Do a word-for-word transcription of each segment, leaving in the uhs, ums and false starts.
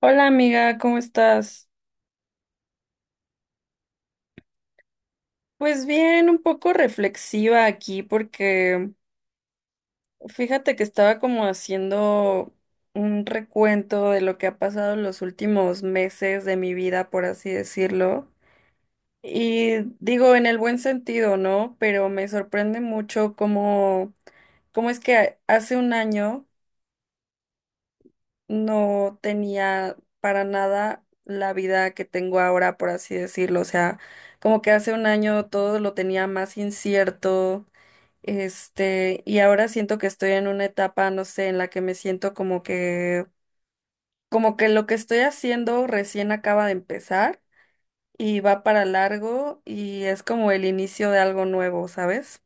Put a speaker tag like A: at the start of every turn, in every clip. A: Hola amiga, ¿cómo estás? Pues bien, un poco reflexiva aquí porque fíjate que estaba como haciendo un recuento de lo que ha pasado en los últimos meses de mi vida, por así decirlo. Y digo en el buen sentido, ¿no? Pero me sorprende mucho cómo, cómo es que hace un año no tenía para nada la vida que tengo ahora, por así decirlo. O sea, como que hace un año todo lo tenía más incierto, este, y ahora siento que estoy en una etapa, no sé, en la que me siento como que, como que lo que estoy haciendo recién acaba de empezar y va para largo y es como el inicio de algo nuevo, ¿sabes?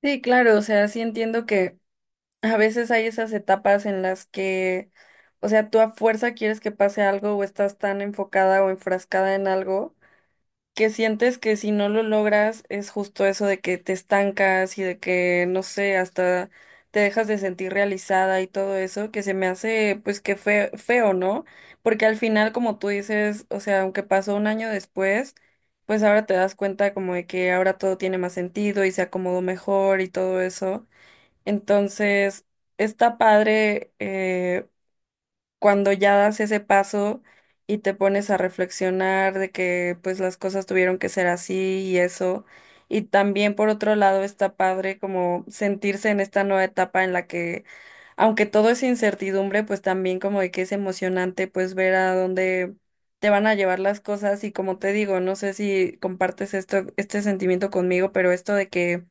A: Sí, claro, o sea, sí entiendo que a veces hay esas etapas en las que, o sea, tú a fuerza quieres que pase algo o estás tan enfocada o enfrascada en algo que sientes que si no lo logras es justo eso de que te estancas y de que, no sé, hasta te dejas de sentir realizada y todo eso, que se me hace pues que fe- feo, ¿no? Porque al final, como tú dices, o sea, aunque pasó un año después, pues ahora te das cuenta como de que ahora todo tiene más sentido y se acomodó mejor y todo eso. Entonces, está padre eh, cuando ya das ese paso y te pones a reflexionar de que pues las cosas tuvieron que ser así y eso. Y también por otro lado está padre como sentirse en esta nueva etapa en la que, aunque todo es incertidumbre, pues también como de que es emocionante pues ver a dónde te van a llevar las cosas. Y como te digo, no sé si compartes esto, este sentimiento conmigo, pero esto de que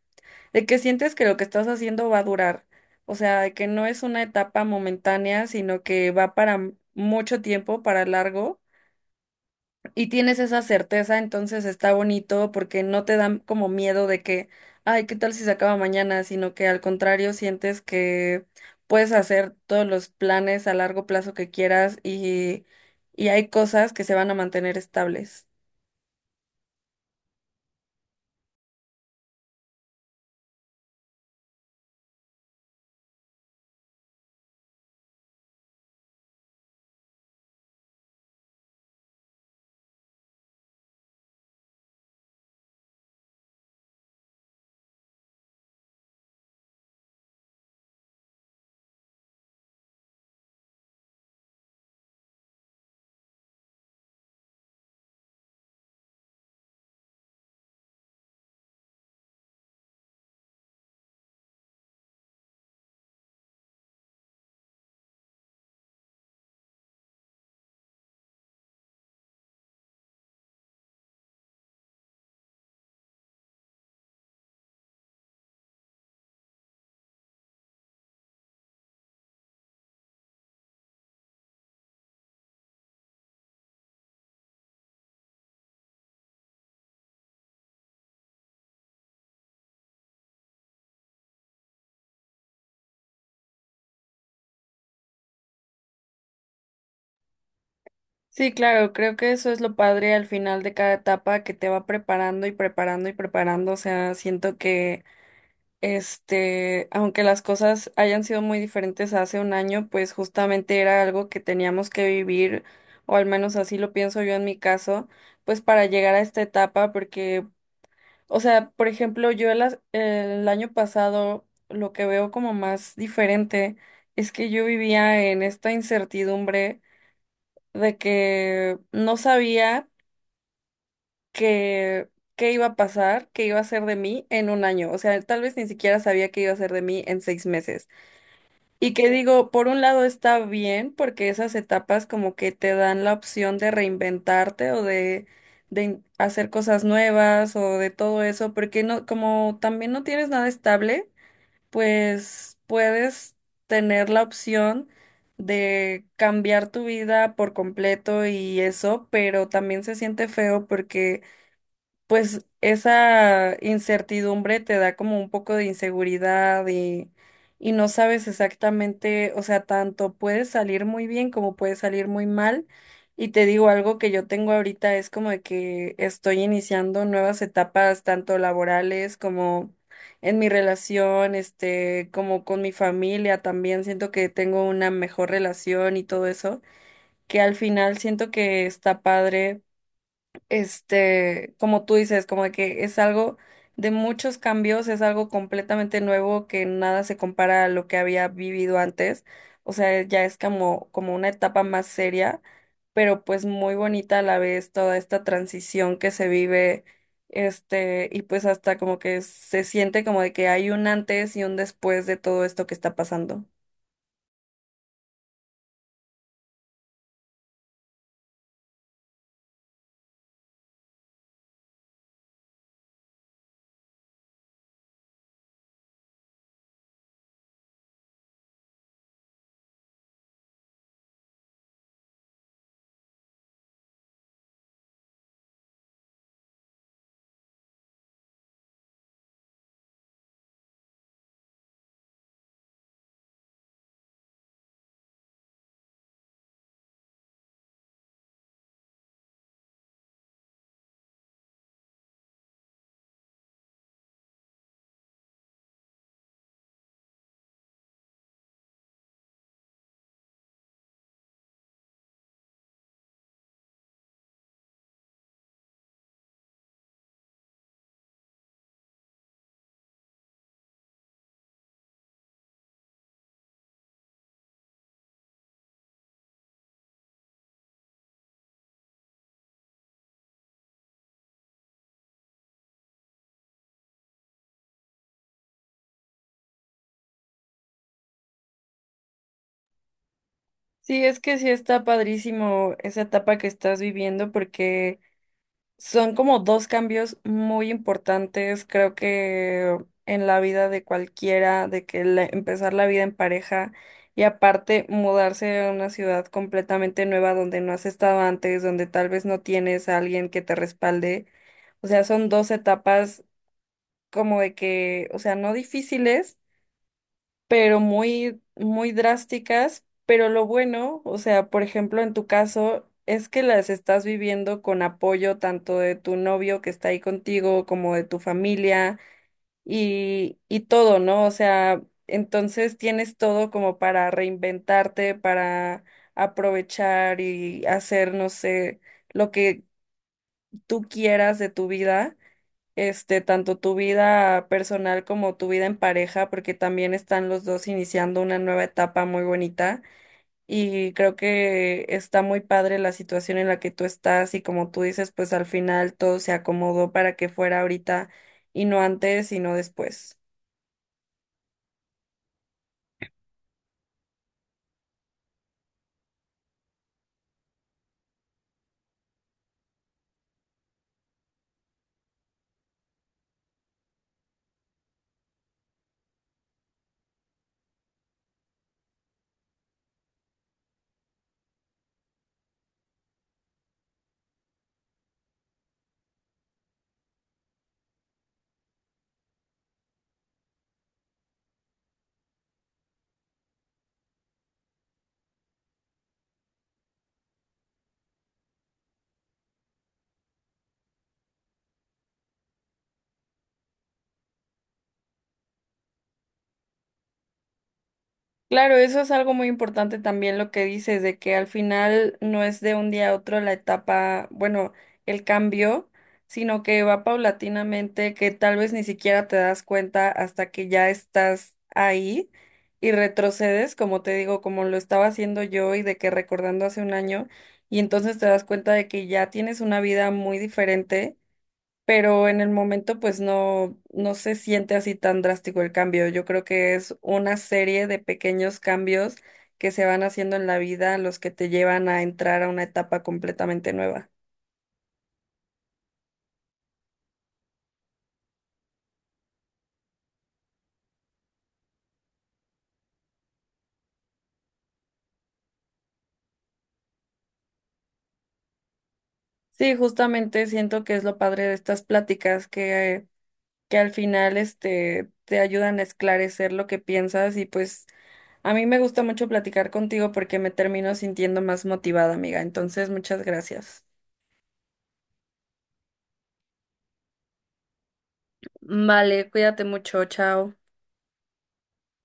A: de que sientes que lo que estás haciendo va a durar, o sea, de que no es una etapa momentánea, sino que va para m- mucho tiempo, para largo, y tienes esa certeza, entonces está bonito porque no te dan como miedo de que, ay, ¿qué tal si se acaba mañana? Sino que al contrario sientes que puedes hacer todos los planes a largo plazo que quieras y, y hay cosas que se van a mantener estables. Sí, claro, creo que eso es lo padre al final de cada etapa que te va preparando y preparando y preparando. O sea, siento que, este, aunque las cosas hayan sido muy diferentes hace un año, pues justamente era algo que teníamos que vivir, o al menos así lo pienso yo en mi caso, pues para llegar a esta etapa, porque, o sea, por ejemplo, yo el, as- el año pasado lo que veo como más diferente es que yo vivía en esta incertidumbre de que no sabía. Que qué iba a pasar, qué iba a ser de mí en un año. O sea, tal vez ni siquiera sabía qué iba a ser de mí en seis meses. Y que digo, por un lado está bien porque esas etapas como que te dan la opción de reinventarte o de, de in- hacer cosas nuevas o de todo eso, porque no, como también no tienes nada estable, pues puedes tener la opción de cambiar tu vida por completo y eso, pero también se siente feo porque pues esa incertidumbre te da como un poco de inseguridad y, y no sabes exactamente, o sea, tanto puede salir muy bien como puede salir muy mal. Y te digo algo que yo tengo ahorita es como de que estoy iniciando nuevas etapas, tanto laborales como en mi relación, este, como con mi familia también. Siento que tengo una mejor relación y todo eso, que al final siento que está padre este, como tú dices, como de que es algo de muchos cambios, es algo completamente nuevo que nada se compara a lo que había vivido antes. O sea, ya es como, como una etapa más seria, pero pues muy bonita a la vez toda esta transición que se vive, este, y pues hasta como que se siente como de que hay un antes y un después de todo esto que está pasando. Sí, es que sí está padrísimo esa etapa que estás viviendo porque son como dos cambios muy importantes, creo que en la vida de cualquiera, de que la- empezar la vida en pareja y aparte mudarse a una ciudad completamente nueva donde no has estado antes, donde tal vez no tienes a alguien que te respalde. O sea, son dos etapas como de que, o sea, no difíciles, pero muy, muy drásticas. Pero lo bueno, o sea, por ejemplo, en tu caso, es que las estás viviendo con apoyo tanto de tu novio que está ahí contigo como de tu familia y, y todo, ¿no? O sea, entonces tienes todo como para reinventarte, para aprovechar y hacer, no sé, lo que tú quieras de tu vida este, tanto tu vida personal como tu vida en pareja, porque también están los dos iniciando una nueva etapa muy bonita y creo que está muy padre la situación en la que tú estás y como tú dices, pues al final todo se acomodó para que fuera ahorita y no antes y no después. Claro, eso es algo muy importante también lo que dices, de que al final no es de un día a otro la etapa, bueno, el cambio, sino que va paulatinamente, que tal vez ni siquiera te das cuenta hasta que ya estás ahí y retrocedes, como te digo, como lo estaba haciendo yo y de que recordando hace un año, y entonces te das cuenta de que ya tienes una vida muy diferente pero en el momento pues no, no se siente así tan drástico el cambio. Yo creo que es una serie de pequeños cambios que se van haciendo en la vida los que te llevan a entrar a una etapa completamente nueva. Sí, justamente siento que es lo padre de estas pláticas que, que al final este, te ayudan a esclarecer lo que piensas y pues a mí me gusta mucho platicar contigo porque me termino sintiendo más motivada, amiga. Entonces, muchas gracias. Vale, cuídate mucho, chao.